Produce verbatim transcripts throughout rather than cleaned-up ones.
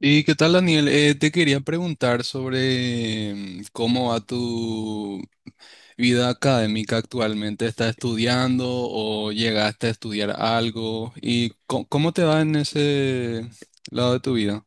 ¿Y qué tal, Daniel? Eh, te quería preguntar sobre mm, cómo va tu vida académica actualmente. ¿Estás estudiando o llegaste a estudiar algo? ¿Y co- cómo te va en ese lado de tu vida?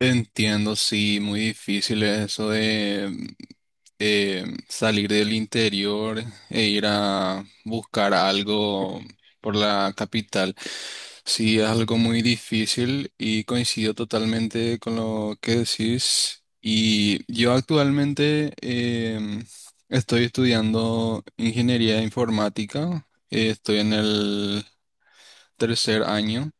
Entiendo, sí, muy difícil es eso de mm, eh, salir del interior e ir a buscar algo por la capital. Sí, es algo muy difícil y coincido totalmente con lo que decís. Y yo actualmente em, estoy estudiando ingeniería informática, eh, estoy en el tercer año.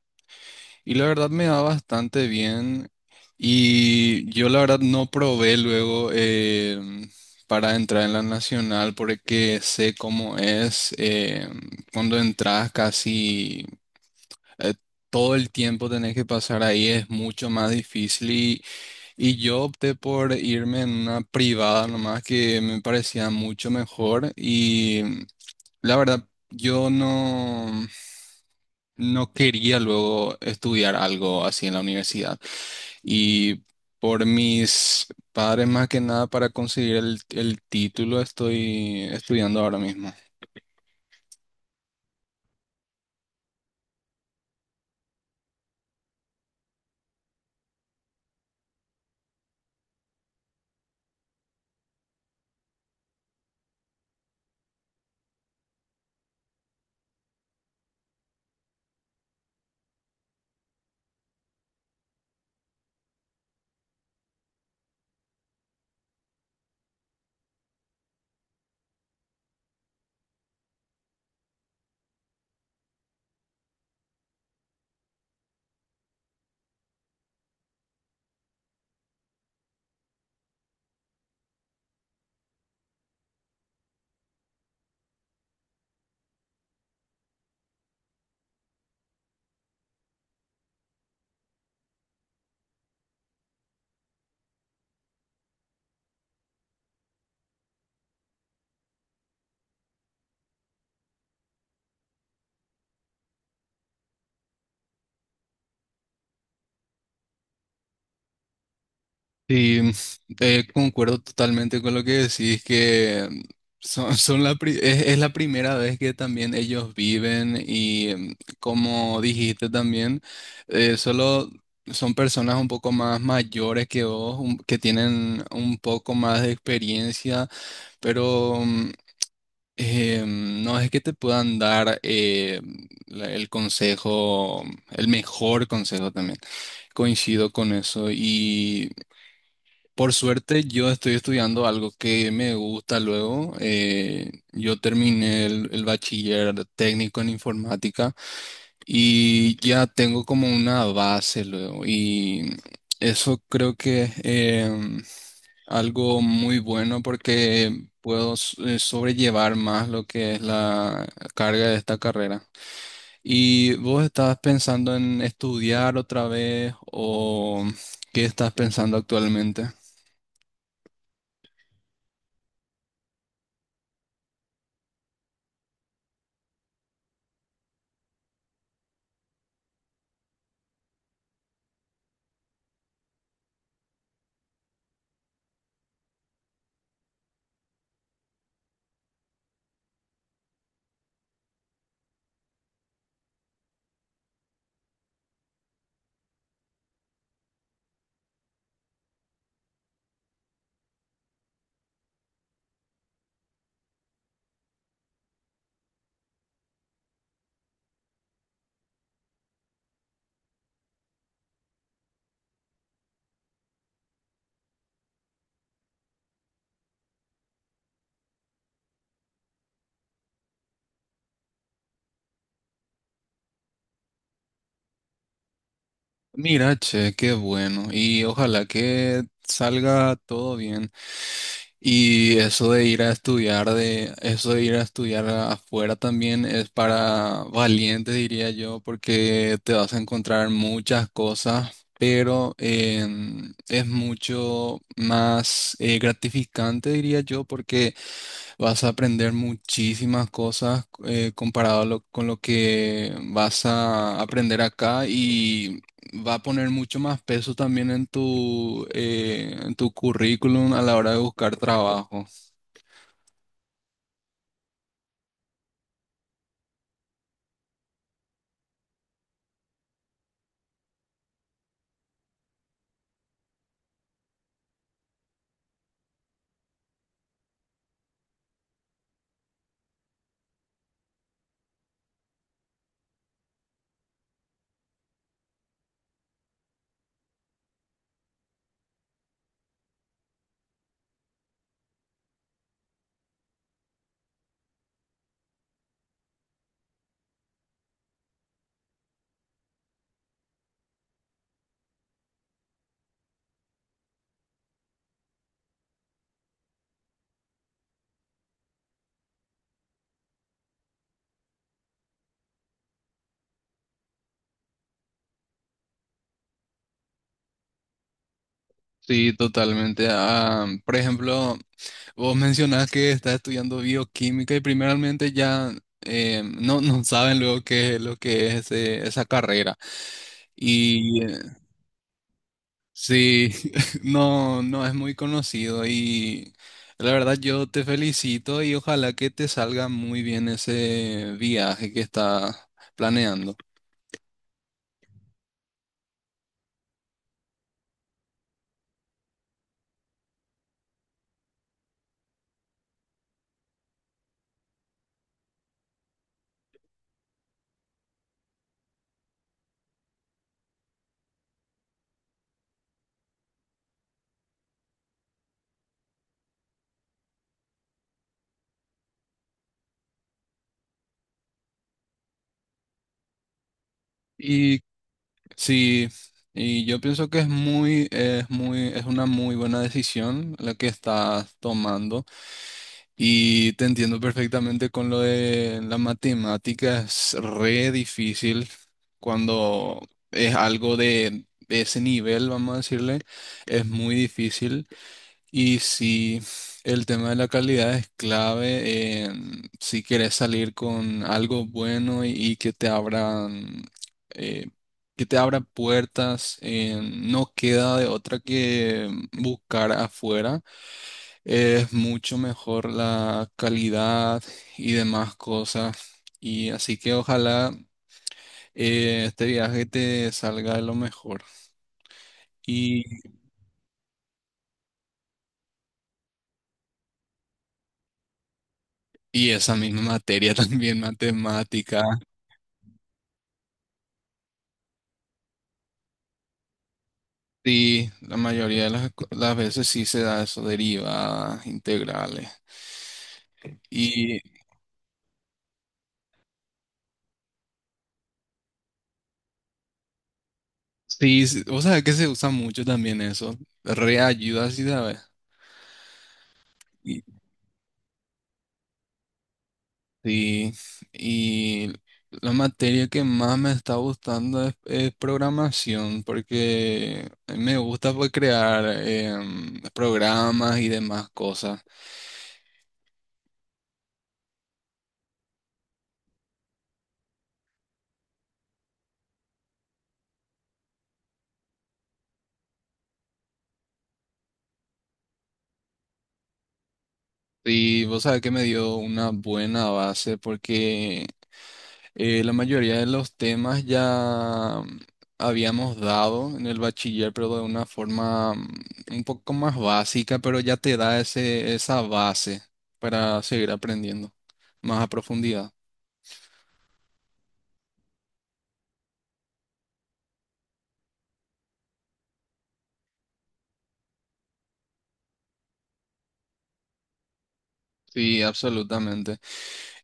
Y la verdad me da bastante bien. Y yo la verdad no probé luego em, para entrar en la nacional porque sé cómo es em, cuando entras casi eh, todo el tiempo tenés que pasar ahí, es mucho más difícil. Y, y yo opté por irme en una privada nomás que me parecía mucho mejor. Y la verdad yo no, no quería luego estudiar algo así en la universidad. Y por mis padres, más que nada, para conseguir el, el título, estoy estudiando ahora mismo. Y eh, concuerdo totalmente con lo que decís, que son, son la pri- es, es la primera vez que también ellos viven y mm, como dijiste también, eh, solo son personas un poco más mayores que vos, un- que tienen un poco más de experiencia, pero em, Eh, no es que te puedan dar eh, la- el consejo, el mejor consejo también. Coincido con eso. Y por suerte yo estoy estudiando algo que me gusta luego. Eh, yo terminé el, el bachiller técnico en informática y ya tengo como una base luego. Y eso creo que em, algo muy bueno porque puedo s- eh, sobrellevar más lo que es la carga de esta carrera. ¿Y vos estás pensando en estudiar otra vez o qué estás pensando actualmente? Mira, che, qué bueno. Y ojalá que salga todo bien. Y eso de ir a estudiar de, eso de ir a estudiar afuera también es para valientes, diría yo, porque te vas a encontrar muchas cosas, pero em, es mucho más eh, gratificante, diría yo, porque vas a aprender muchísimas cosas eh, comparado a lo- con lo que vas a aprender acá y va a poner mucho más peso también en tu, eh, en tu currículum a la hora de buscar trabajo. Sí, totalmente. Ah, por ejemplo, vos mencionás que estás estudiando bioquímica y primeramente ya eh, no, no saben luego qué es lo que es eh, esa carrera. Y sí, no, no es muy conocido y la verdad yo te felicito y ojalá que te salga muy bien ese viaje que estás planeando. Y sí, y yo pienso que es muy, es muy, es una muy buena decisión la que estás tomando. Y te entiendo perfectamente con lo de la matemática, es re difícil cuando es algo de ese nivel, vamos a decirle, es muy difícil. Y si el tema de la calidad es clave, en si quieres salir con algo bueno y, y que te abran, eh, que te abra puertas, en- no queda de otra que buscar afuera. Es mucho mejor la calidad y demás cosas. Y así que ojalá eh, este viaje te salga de lo mejor. Y, y esa misma materia también, matemática. Sí, la mayoría de las, co- las veces sí se da eso, derivadas, integrales. Y sí, s- o sea que se usa mucho también eso. Reayuda, sí sabes. Sí, y la materia que más me está gustando es, es programación, porque me gusta pues, crear em, programas y demás cosas. Y vos sabés que me dio una buena base, porque eh, la mayoría de los temas ya habíamos dado en el bachiller, pero de una forma mm, un poco más básica, pero ya te da ese, esa base para seguir aprendiendo más a profundidad. Sí, absolutamente.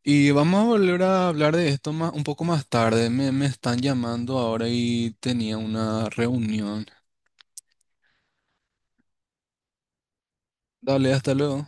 Y vamos a volver a hablar de esto más, un poco más tarde. Me, me están llamando ahora y tenía una reunión. Dale, hasta luego.